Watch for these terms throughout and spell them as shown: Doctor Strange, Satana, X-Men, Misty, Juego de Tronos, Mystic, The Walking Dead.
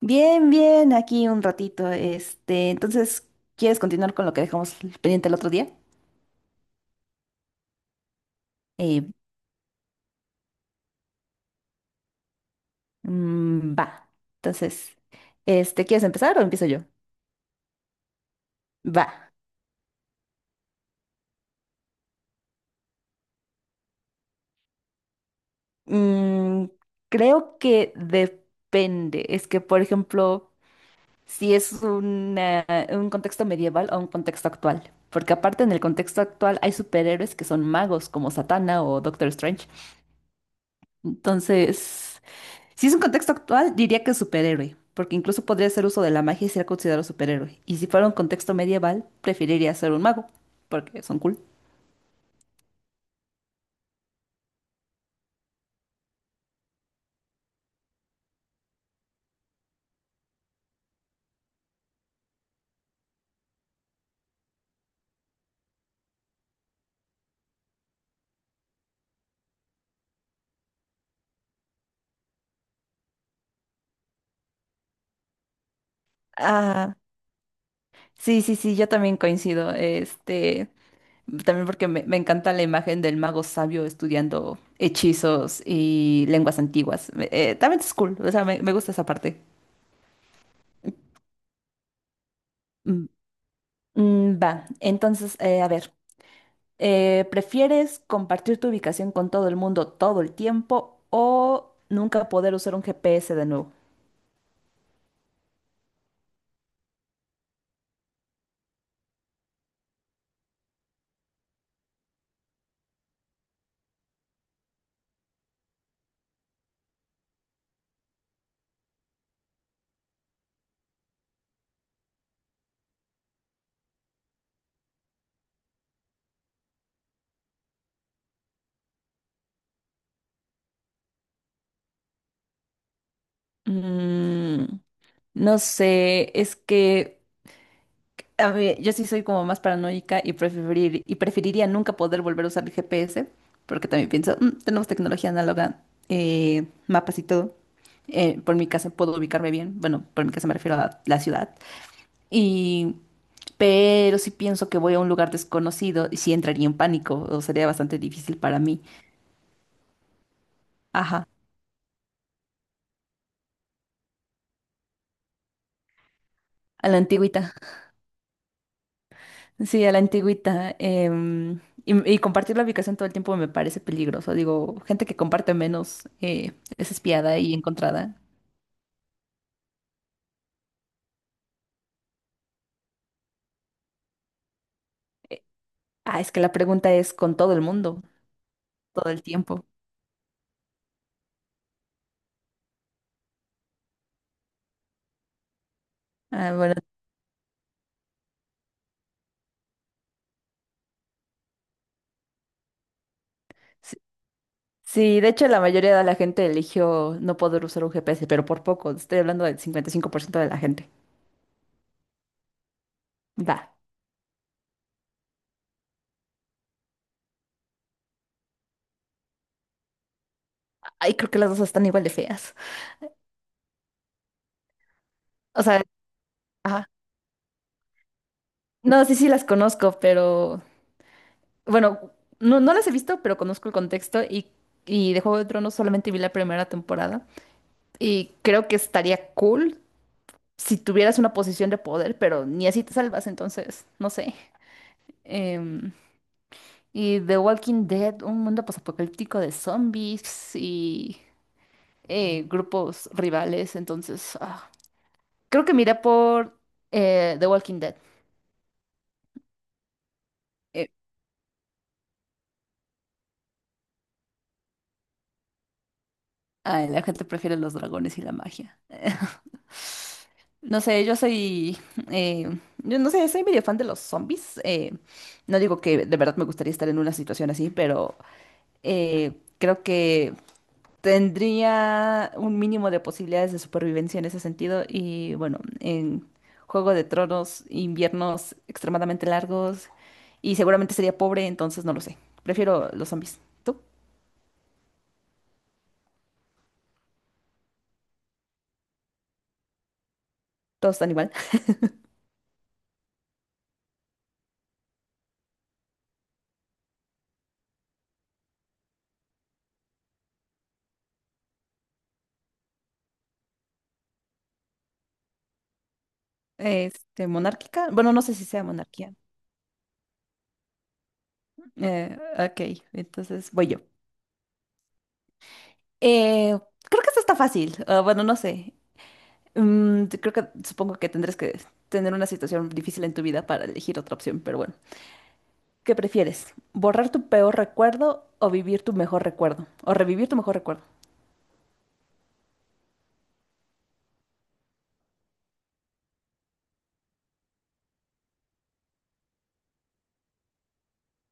Bien, bien, aquí un ratito. Este, entonces, ¿quieres continuar con lo que dejamos pendiente el otro día? Eh, mm, va. Entonces, este, ¿quieres empezar o empiezo yo? Va. Mm, Creo que depende. Es que, por ejemplo, si es un contexto medieval o un contexto actual. Porque aparte en el contexto actual hay superhéroes que son magos como Satana o Doctor Strange. Entonces. Si es un contexto actual, diría que superhéroe, porque incluso podría hacer uso de la magia y ser considerado superhéroe. Y si fuera un contexto medieval, preferiría ser un mago, porque son cool. Ah, sí, sí, sí, yo también coincido. Este, también porque me encanta la imagen del mago sabio estudiando hechizos y lenguas antiguas. También es cool, o sea, me gusta esa parte. Mm, Mm, va, entonces, a ver. ¿Prefieres compartir tu ubicación con todo el mundo todo el tiempo o nunca poder usar un GPS de nuevo? Mm, no sé, es que a ver, yo sí soy como más paranoica y preferiría nunca poder volver a usar el GPS, porque también pienso, Tenemos tecnología análoga, mapas y todo. Por mi casa puedo ubicarme bien, bueno, por mi casa me refiero a la ciudad. Y, pero si pienso que voy a un lugar desconocido, sí entraría en pánico, o sería bastante difícil para mí. Ajá, a la antigüita. Sí, a la antigüita. Y, compartir la ubicación todo el tiempo me parece peligroso. Digo, gente que comparte menos es espiada y encontrada. Ah, es que la pregunta es con todo el mundo, todo el tiempo. Ah, bueno. Sí, sí, de hecho la mayoría de la gente eligió no poder usar un GPS, pero por poco. Estoy hablando del 55% de la gente. Va. Ay, creo que las dos están igual de feas. O sea, ajá. No, sí, sí las conozco, pero bueno, no, no las he visto, pero conozco el contexto y de Juego de Tronos solamente vi la primera temporada y creo que estaría cool si tuvieras una posición de poder, pero ni así te salvas, entonces, no sé. Em, y The Walking Dead, un mundo posapocalíptico de zombies y grupos rivales, entonces, ah, creo que miré por The Walking Dead. Ay, la gente prefiere los dragones y la magia. No sé, eh, yo no sé, soy medio fan de los zombies. No digo que de verdad me gustaría estar en una situación así, pero creo que tendría un mínimo de posibilidades de supervivencia en ese sentido. Y bueno, en Juego de Tronos, inviernos extremadamente largos y seguramente sería pobre, entonces no lo sé. Prefiero los zombies. ¿Tú? Todos están igual. Este, monárquica. Bueno, no sé si sea monarquía. Ok, entonces voy yo. Eh, Creo que esto está fácil. Ah, bueno, no sé. Creo que supongo que tendrás que tener una situación difícil en tu vida para elegir otra opción, pero bueno. ¿Qué prefieres? ¿Borrar tu peor recuerdo o vivir tu mejor recuerdo? ¿O revivir tu mejor recuerdo?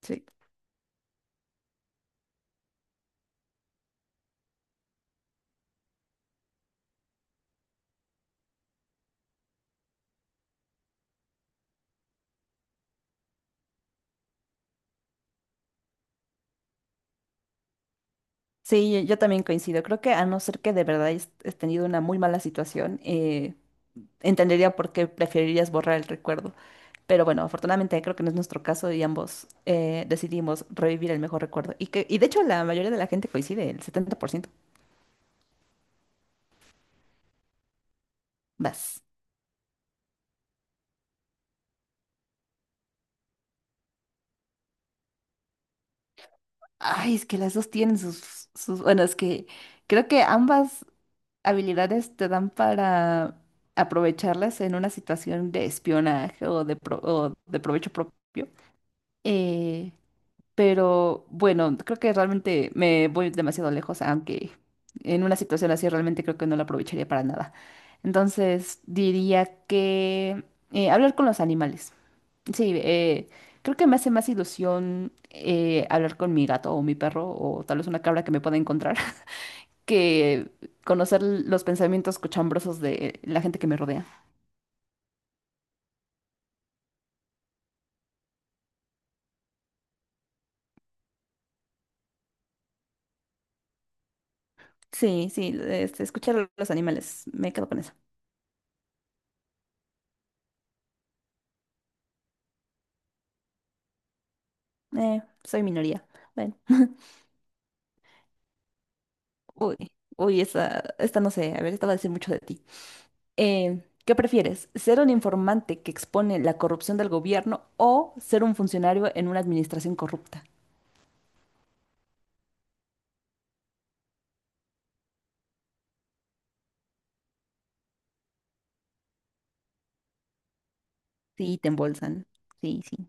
Sí. Sí, yo también coincido. Creo que a no ser que de verdad hayas tenido una muy mala situación, entendería por qué preferirías borrar el recuerdo. Pero bueno, afortunadamente creo que no es nuestro caso y ambos decidimos revivir el mejor recuerdo. Y de hecho la mayoría de la gente coincide, el 70%. Vas. Ay, es que las dos tienen sus. Bueno, es que creo que ambas habilidades te dan para aprovecharlas en una situación de espionaje o o de provecho propio. Eh, Pero bueno, creo que realmente me voy demasiado lejos, aunque en una situación así realmente creo que no la aprovecharía para nada. Entonces diría que hablar con los animales. Sí, creo que me hace más ilusión hablar con mi gato o mi perro o tal vez una cabra que me pueda encontrar que conocer los pensamientos cochambrosos de la gente que me rodea. Sí, sí, este, escuchar a los animales, me quedo con eso. Soy minoría. Bueno. Uy, uy, esta no sé, a ver, esta va a decir mucho de ti. ¿Qué prefieres? ¿Ser un informante que expone la corrupción del gobierno o ser un funcionario en una administración corrupta? Sí, te embolsan. Sí, sí.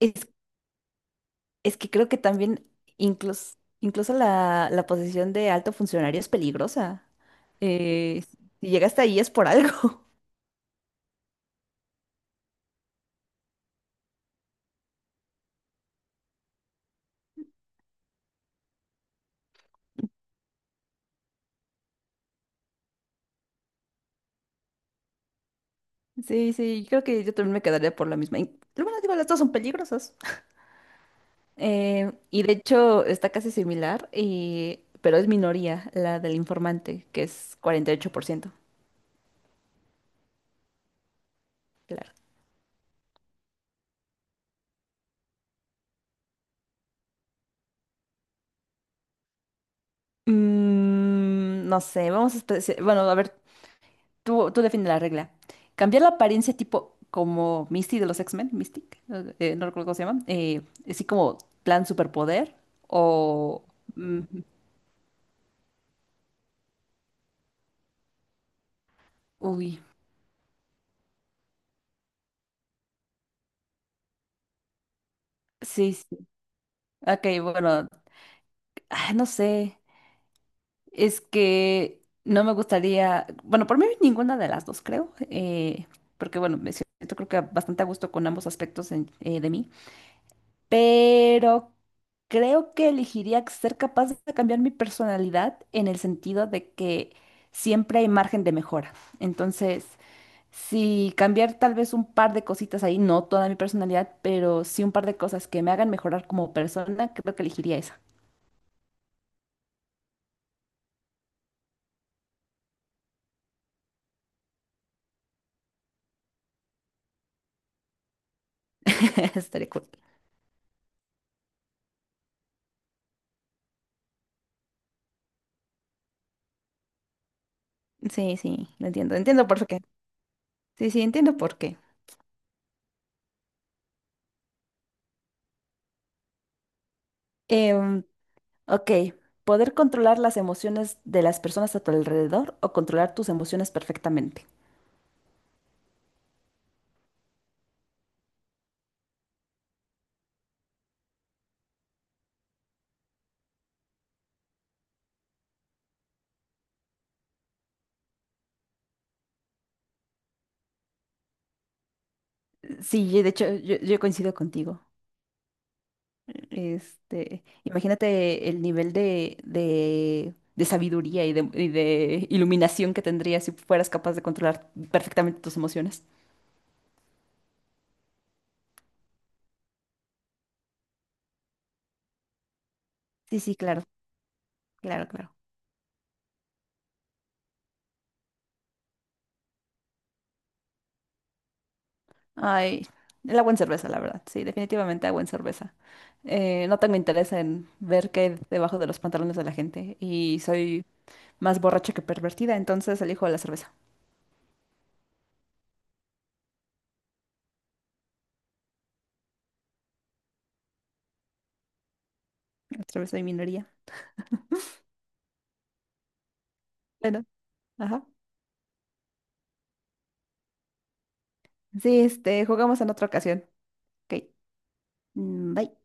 Es, es que creo que también incluso la posición de alto funcionario es peligrosa. Eh, si llegaste ahí es por algo. Sí, sí, creo que yo también me quedaría por la misma. Bueno, digo, las dos son peligrosas. Y de hecho está casi similar, pero es minoría la del informante, que es 48%. Claro. No sé, vamos a. Bueno, a ver, tú define la regla. Cambiar la apariencia tipo como Misty de los X-Men, Mystic, no recuerdo cómo se llama, así como plan superpoder o. mm, uy, sí, sí. Ok, bueno, ah, no sé. Es que no me gustaría, bueno, por mí ninguna de las dos creo, porque bueno, me siento creo que bastante a gusto con ambos aspectos de mí, pero creo que elegiría ser capaz de cambiar mi personalidad en el sentido de que siempre hay margen de mejora. Entonces, si cambiar tal vez un par de cositas ahí, no toda mi personalidad, pero sí un par de cosas que me hagan mejorar como persona, creo que elegiría esa. Estaría cool. Sí, sí, lo entiendo, entiendo por qué. Sí, sí, entiendo por qué. Em, ok, poder controlar las emociones de las personas a tu alrededor o controlar tus emociones perfectamente. Sí, de hecho, yo coincido contigo. Este, imagínate el nivel de sabiduría y de iluminación que tendrías si fueras capaz de controlar perfectamente tus emociones. Sí, sí, claro, claro, claro. Ay, el agua en cerveza, la verdad. Sí, definitivamente agua en cerveza. No tengo interés en ver qué hay debajo de los pantalones de la gente. Y soy más borracha que pervertida, entonces elijo la cerveza. La cerveza y minería. Bueno, ajá. Sí, este, jugamos en otra ocasión. Ok. Mm, Bye.